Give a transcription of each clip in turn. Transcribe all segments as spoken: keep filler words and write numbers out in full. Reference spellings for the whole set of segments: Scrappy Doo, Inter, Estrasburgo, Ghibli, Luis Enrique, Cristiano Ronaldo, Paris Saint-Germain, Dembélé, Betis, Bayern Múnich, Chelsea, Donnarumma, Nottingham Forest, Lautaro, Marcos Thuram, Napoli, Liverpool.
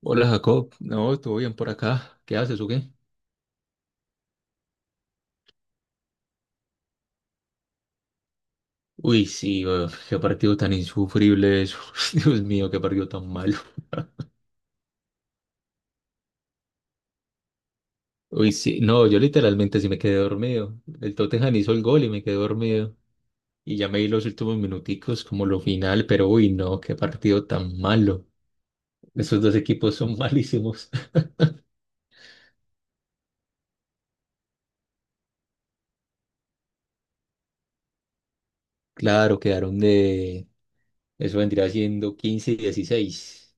Hola Jacob, no, todo bien por acá. ¿Qué haces o qué? Uy, sí, uf, qué partido tan insufrible eso. Dios mío, qué partido tan malo. Uy, sí, no, yo literalmente sí me quedé dormido. El Tottenham hizo el gol y me quedé dormido. Y ya me di los últimos minuticos como lo final, pero uy, no, qué partido tan malo. Esos dos equipos son malísimos. Claro, quedaron de. Eso vendría siendo quince y dieciséis,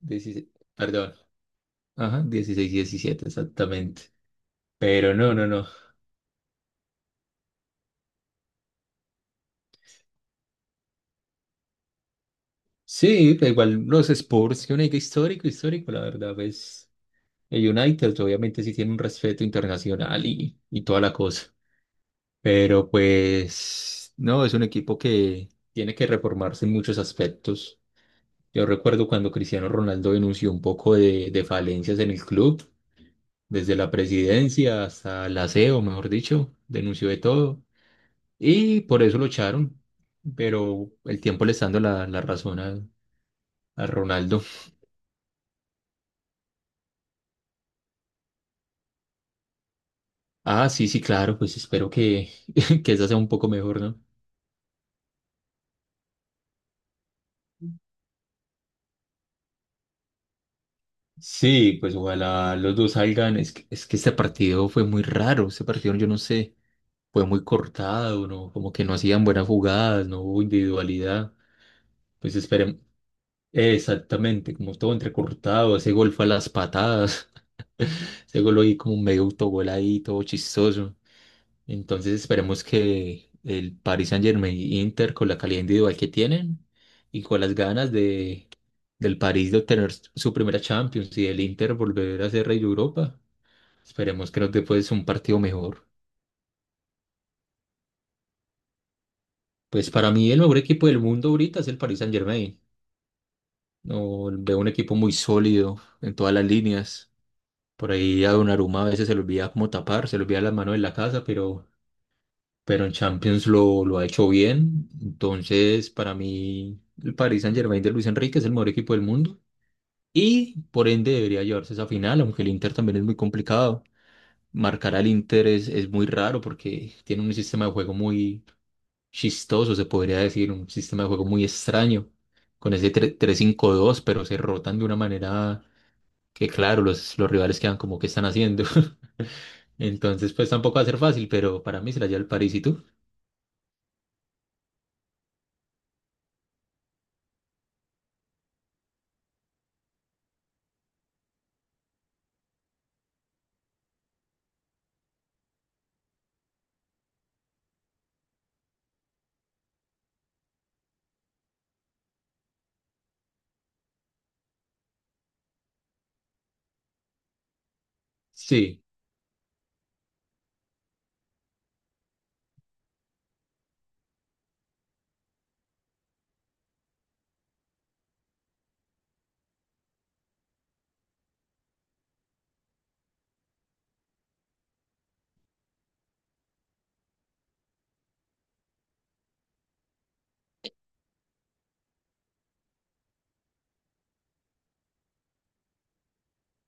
dieciséis. Perdón. Ajá, dieciséis y diecisiete exactamente. Pero no, no, no. Sí, pero igual los Spurs, que un equipo histórico, histórico, la verdad, pues el United obviamente sí tiene un respeto internacional y, y toda la cosa, pero pues no, es un equipo que tiene que reformarse en muchos aspectos. Yo recuerdo cuando Cristiano Ronaldo denunció un poco de, de falencias en el club, desde la presidencia hasta el aseo, mejor dicho, denunció de todo y por eso lo echaron, pero el tiempo le está dando la, la razón a, a Ronaldo. Ah, sí, sí, claro, pues espero que, que esa sea un poco mejor, ¿no? Sí, pues ojalá los dos salgan. Es que, es que este partido fue muy raro, este partido yo no sé, fue muy cortado, ¿no? Como que no hacían buenas jugadas, no hubo individualidad. Pues esperemos, exactamente, como todo entrecortado, ese gol fue a las patadas, ese gol ahí como medio autogol ahí, todo chistoso. Entonces esperemos que el Paris Saint-Germain y Inter con la calidad individual que tienen y con las ganas de, del París de obtener su primera Champions y del Inter volver a ser rey de Europa, esperemos que nos dé pues un partido mejor. Pues para mí el mejor equipo del mundo ahorita es el Paris Saint-Germain. No, veo un equipo muy sólido en todas las líneas. Por ahí a Donnarumma a veces se le olvida como tapar, se le olvida las manos en la casa, pero pero en Champions lo, lo ha hecho bien. Entonces, para mí, el Paris Saint-Germain de Luis Enrique es el mejor equipo del mundo y por ende debería llevarse esa final, aunque el Inter también es muy complicado. Marcar al Inter es, es muy raro porque tiene un sistema de juego muy chistoso, se podría decir, un sistema de juego muy extraño con ese tre- tres cinco dos, pero se rotan de una manera que, claro, los, los rivales quedan como que están haciendo. Entonces, pues tampoco va a ser fácil, pero para mí se la lleva el París. ¿Y tú? Sí.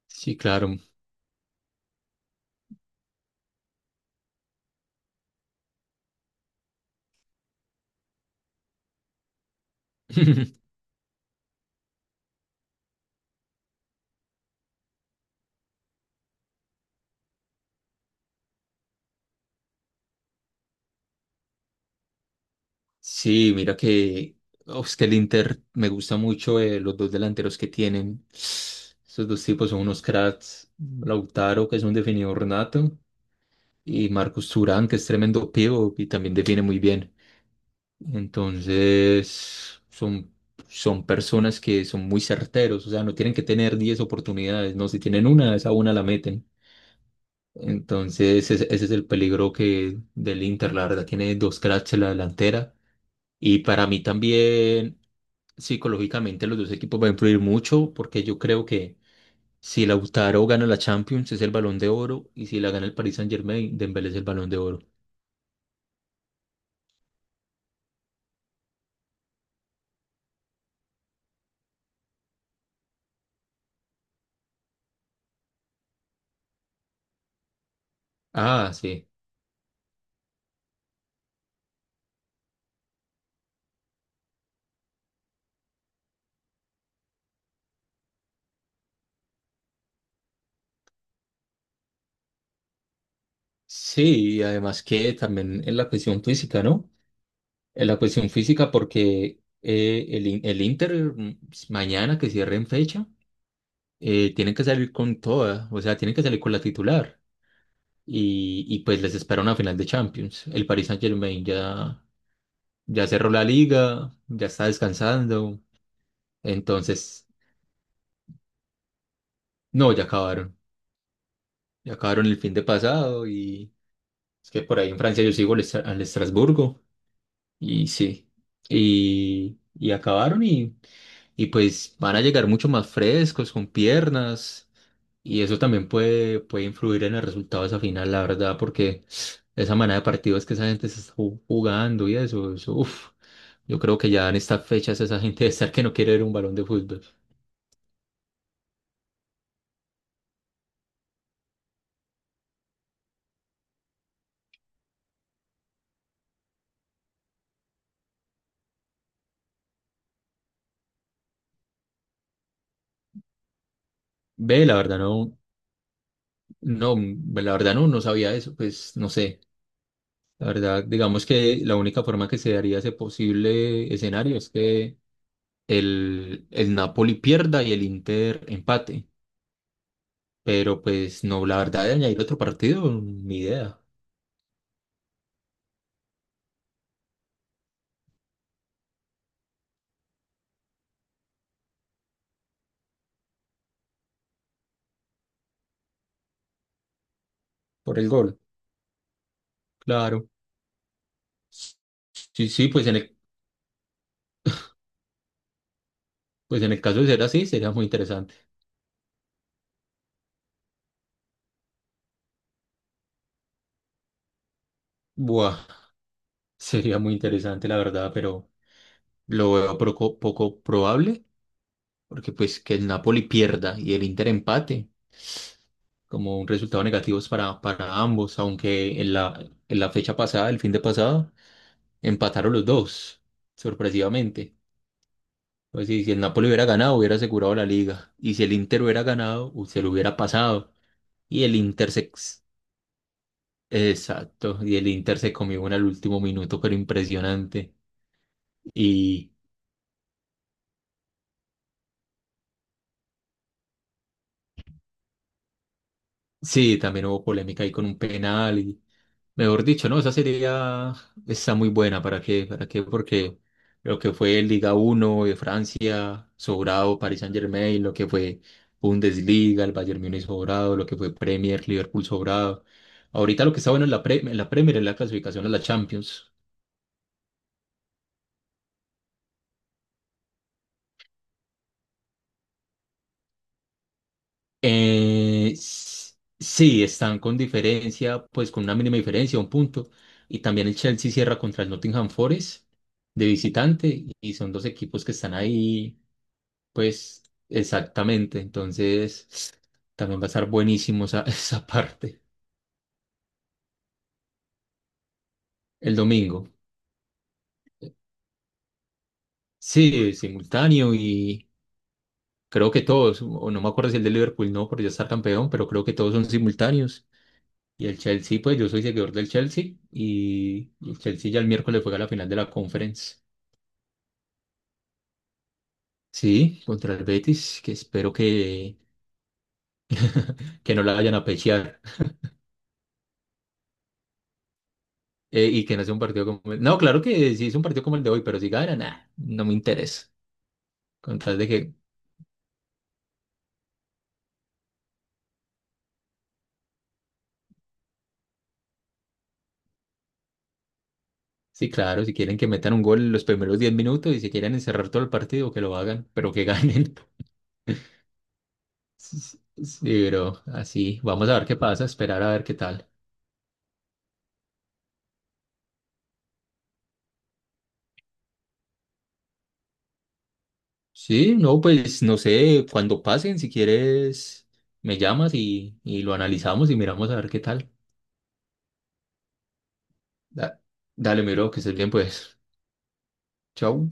Sí, claro. Sí, mira que, oh, es que el Inter me gusta mucho eh, los dos delanteros que tienen. Esos dos tipos son unos cracks. Lautaro, que es un definidor nato, y Marcos Thuram, que es tremendo pivo y también define muy bien. Entonces, son, son, personas que son muy certeros, o sea, no tienen que tener diez oportunidades, no, si tienen una, esa una la meten. Entonces, ese, ese es el peligro que del Inter, la verdad, tiene dos cracks en la delantera. Y para mí también, psicológicamente, los dos equipos van a influir mucho porque yo creo que si Lautaro gana la Champions es el Balón de Oro y si la gana el Paris Saint-Germain, Dembélé es el Balón de Oro. Ah, sí. Sí, y además que también en la cuestión física, ¿no? En la cuestión física porque eh, el, In- el Inter, mm, mañana que cierre en fecha, eh, tienen que salir con toda, o sea, tienen que salir con la titular. Y, y pues les espera una final de Champions. El Paris Saint-Germain ya Ya cerró la liga, ya está descansando. Entonces, no, ya acabaron. Ya acabaron el fin de pasado y es que por ahí en Francia yo sigo al, Estra- al Estrasburgo y sí. Y, y acabaron y, y pues van a llegar mucho más frescos, con piernas. Y eso también puede, puede influir en el resultado de esa final, la verdad, porque esa manera de partidos que esa gente se está ju- jugando y eso, eso, uf, yo creo que ya en estas fechas esa gente debe estar que no quiere ver un balón de fútbol. Ve, la verdad no, no, la verdad no, no sabía eso, pues no sé. La verdad, digamos que la única forma que se daría ese posible escenario es que el, el Napoli pierda y el Inter empate. Pero pues no, la verdad de añadir otro partido, ni idea. Por el gol, claro. Sí, sí, pues en el, pues en el caso de ser así, sería muy interesante. Buah, sería muy interesante, la verdad, pero lo veo poco, poco probable, porque pues que el Napoli pierda y el Inter empate, como un resultado negativo para, para ambos, aunque en la, en la fecha pasada, el fin de pasado, empataron los dos, sorpresivamente. Pues sí, si el Napoli hubiera ganado, hubiera asegurado la liga. Y si el Inter hubiera ganado, u- se lo hubiera pasado. Y el Inter se. Exacto, y el Inter se comió una al último minuto, pero impresionante. Y sí, también hubo polémica ahí con un penal. Mejor dicho, no, esa sería, ya está muy buena. ¿Para qué? ¿Para qué? Porque lo que fue Liga uno de Francia, sobrado Paris Saint-Germain, lo que fue Bundesliga, el Bayern Múnich sobrado, lo que fue Premier, Liverpool sobrado. Ahorita lo que está bueno en la, pre- en la Premier es la clasificación a la Champions. Eh, s- sí, están con diferencia, pues con una mínima diferencia, un punto. Y también el Chelsea cierra contra el Nottingham Forest de visitante y son dos equipos que están ahí. Pues exactamente, entonces también va a estar buenísimo esa, esa parte. El domingo. Sí, simultáneo y creo que todos, o no me acuerdo si el de Liverpool no, por ya estar campeón, pero creo que todos son simultáneos. Y el Chelsea, pues yo soy seguidor del Chelsea y el Chelsea ya el miércoles juega la final de la Conference. Sí, contra el Betis, que espero que, que, no la vayan a pechear. Eh, y que no sea un partido como. No, claro que sí es un partido como el de hoy, pero si gana, nah, no me interesa. Con tal de que. Sí, claro, si quieren que metan un gol en los primeros diez minutos y si quieren encerrar todo el partido, que lo hagan, pero que ganen. Sí, sí, sí, pero así, vamos a ver qué pasa, esperar a ver qué tal. Sí, no, pues no sé, cuando pasen, si quieres, me llamas y, y lo analizamos y miramos a ver qué tal. Da- dale, miro, que estés bien, pues. Chau.